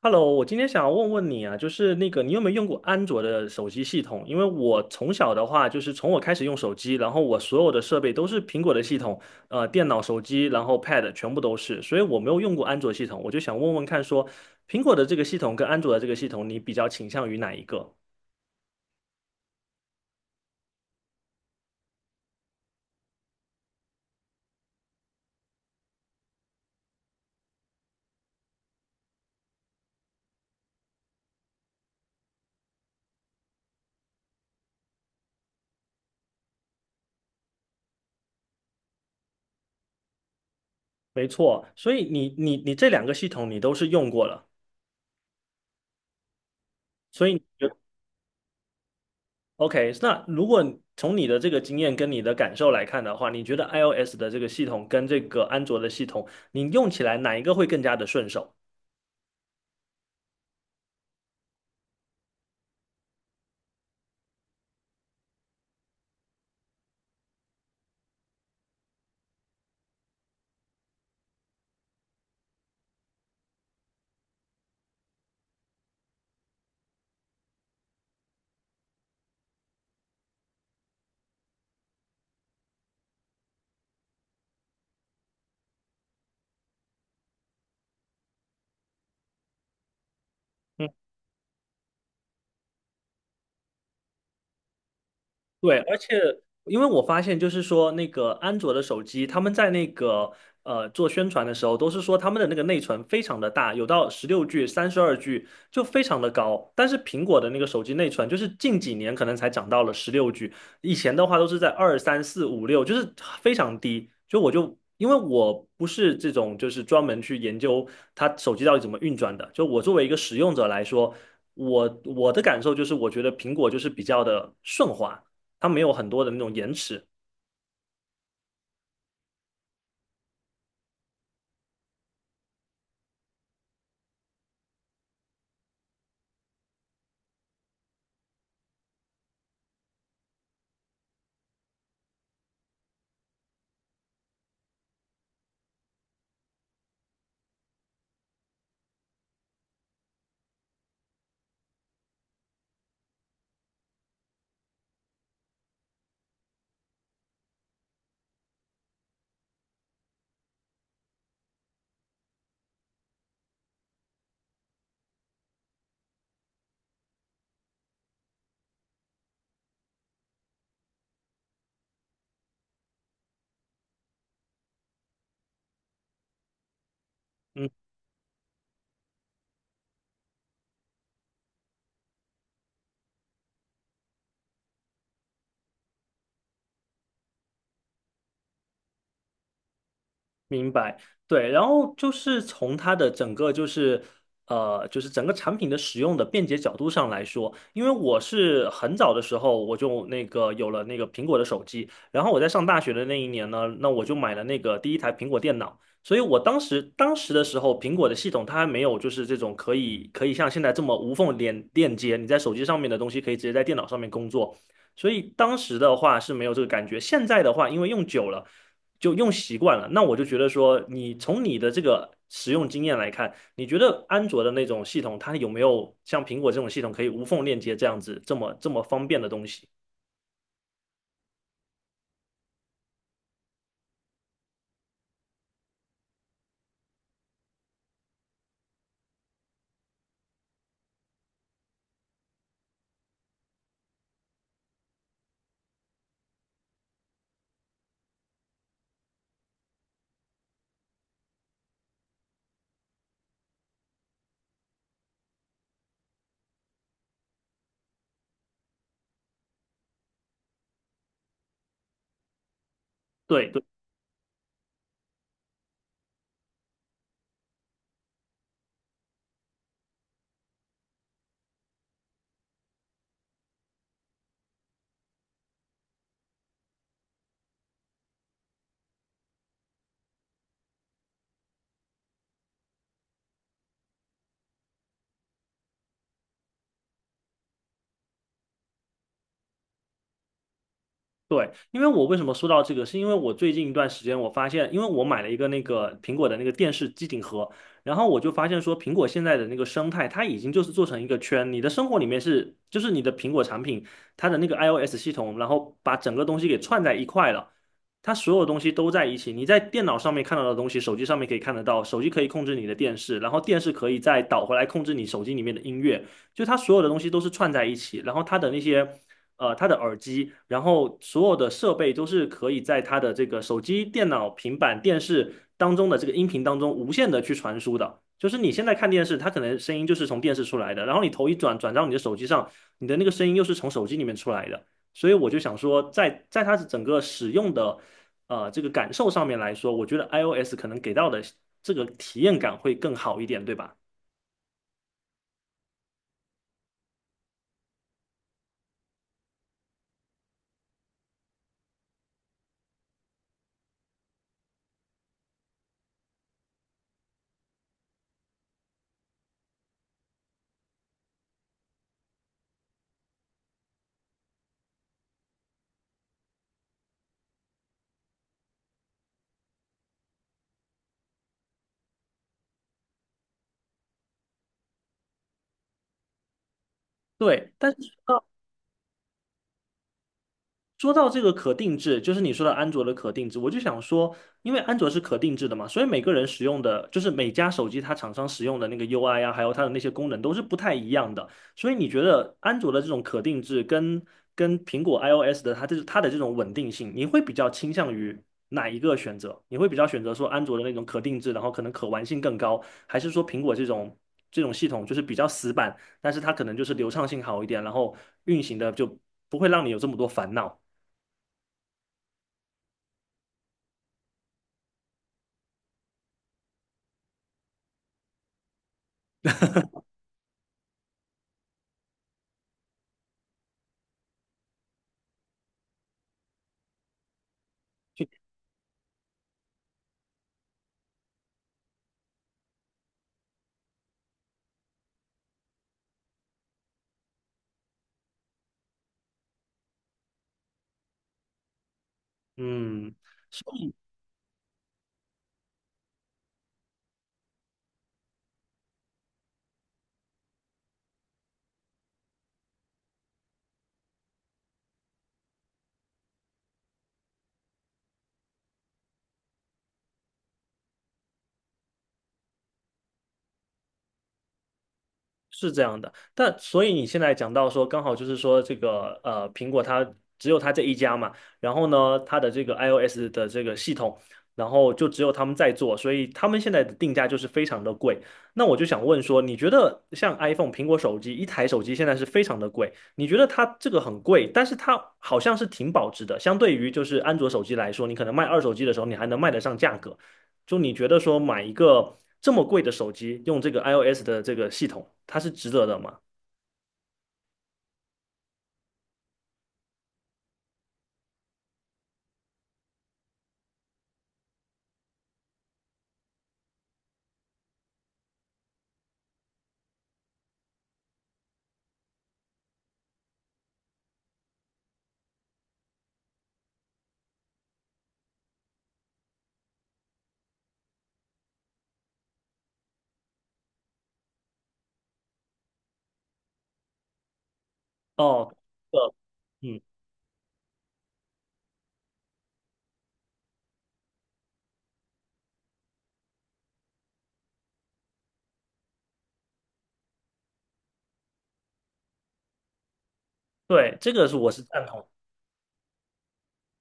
Hello，我今天想要问问你啊，就是那个你有没有用过安卓的手机系统？因为我从小的话，就是从我开始用手机，然后我所有的设备都是苹果的系统，电脑、手机，然后 Pad 全部都是，所以我没有用过安卓系统。我就想问问看说，苹果的这个系统跟安卓的这个系统，你比较倾向于哪一个？没错，所以你这两个系统你都是用过了，所以你觉 OK，那如果从你的这个经验跟你的感受来看的话，你觉得 iOS 的这个系统跟这个安卓的系统，你用起来哪一个会更加的顺手？嗯。对，而且因为我发现，就是说那个安卓的手机，他们在那个做宣传的时候，都是说他们的那个内存非常的大，有到十六 G、32G，就非常的高。但是苹果的那个手机内存，就是近几年可能才涨到了十六 G，以前的话都是在二、三、四、五、六，就是非常低。就我就因为我不是这种就是专门去研究它手机到底怎么运转的，就我作为一个使用者来说。我的感受就是，我觉得苹果就是比较的顺滑，它没有很多的那种延迟。嗯，明白，对，然后就是从它的整个就是就是整个产品的使用的便捷角度上来说，因为我是很早的时候我就那个有了那个苹果的手机，然后我在上大学的那一年呢，那我就买了那个第一台苹果电脑，所以我当时的时候，苹果的系统它还没有就是这种可以像现在这么无缝连链接，你在手机上面的东西可以直接在电脑上面工作，所以当时的话是没有这个感觉，现在的话因为用久了。就用习惯了。那我就觉得说，你从你的这个使用经验来看，你觉得安卓的那种系统，它有没有像苹果这种系统可以无缝链接这样子这么方便的东西？对对。对，因为我为什么说到这个，是因为我最近一段时间我发现，因为我买了一个那个苹果的那个电视机顶盒，然后我就发现说，苹果现在的那个生态，它已经就是做成一个圈，你的生活里面是，就是你的苹果产品，它的那个 iOS 系统，然后把整个东西给串在一块了，它所有东西都在一起，你在电脑上面看到的东西，手机上面可以看得到，手机可以控制你的电视，然后电视可以再导回来控制你手机里面的音乐，就它所有的东西都是串在一起，然后它的那些。它的耳机，然后所有的设备都是可以在它的这个手机、电脑、平板、电视当中的这个音频当中无限的去传输的。就是你现在看电视，它可能声音就是从电视出来的，然后你头一转到你的手机上，你的那个声音又是从手机里面出来的。所以我就想说在，在它整个使用的这个感受上面来说，我觉得 iOS 可能给到的这个体验感会更好一点，对吧？对，但是说到这个可定制，就是你说的安卓的可定制，我就想说，因为安卓是可定制的嘛，所以每个人使用的，就是每家手机它厂商使用的那个 UI 啊，还有它的那些功能都是不太一样的。所以你觉得安卓的这种可定制跟跟苹果 iOS 的它的这种稳定性，你会比较倾向于哪一个选择？你会比较选择说安卓的那种可定制，然后可能可玩性更高，还是说苹果这种系统就是比较死板，但是它可能就是流畅性好一点，然后运行的就不会让你有这么多烦恼？嗯，所以是这样的。但所以你现在讲到说，刚好就是说这个苹果它只有它这一家嘛，然后呢，它的这个 iOS 的这个系统，然后就只有他们在做，所以他们现在的定价就是非常的贵。那我就想问说，你觉得像 iPhone 苹果手机一台手机现在是非常的贵，你觉得它这个很贵，但是它好像是挺保值的，相对于就是安卓手机来说，你可能卖二手机的时候，你还能卖得上价格。就你觉得说买一个这么贵的手机，用这个 iOS 的这个系统，它是值得的吗？哦，呃，嗯，对，这个是我是赞同。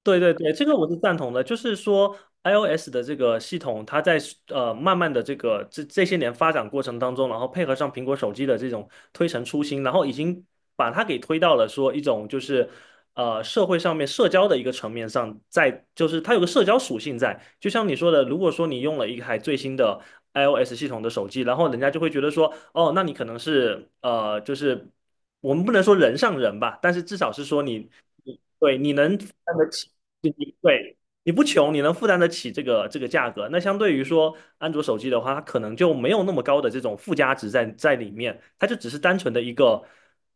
对对对，这个我是赞同的。就是说，iOS 的这个系统，它在慢慢的这这些年发展过程当中，然后配合上苹果手机的这种推陈出新，然后已经把它给推到了说一种就是社会上面社交的一个层面上，在就是它有个社交属性在。就像你说的，如果说你用了一台最新的 iOS 系统的手机，然后人家就会觉得说，哦，那你可能是就是我们不能说人上人吧，但是至少是说你。你对，你能负担得起你对，你不穷，你能负担得起这个价格。那相对于说安卓手机的话，它可能就没有那么高的这种附加值在在里面，它就只是单纯的一个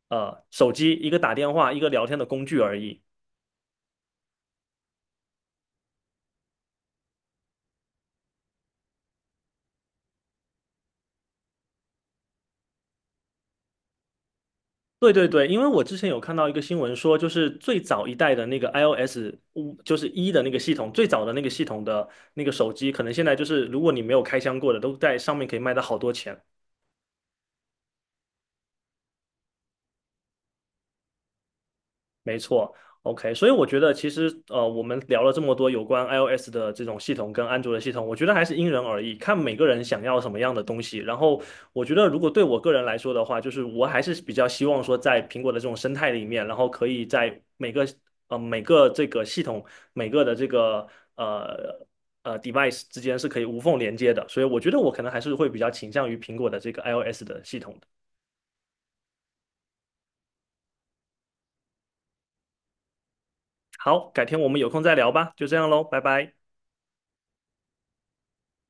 手机，一个打电话，一个聊天的工具而已。对对对，因为我之前有看到一个新闻说，就是最早一代的那个 iOS 5，就是一的那个系统，最早的那个系统的那个手机，可能现在就是如果你没有开箱过的，都在上面可以卖到好多钱。没错，OK，所以我觉得其实我们聊了这么多有关 iOS 的这种系统跟安卓的系统，我觉得还是因人而异，看每个人想要什么样的东西。然后我觉得，如果对我个人来说的话，就是我还是比较希望说，在苹果的这种生态里面，然后可以在每个每个这个系统每个的这个呃device 之间是可以无缝连接的。所以我觉得我可能还是会比较倾向于苹果的这个 iOS 的系统的好，改天我们有空再聊吧，就这样喽，拜拜。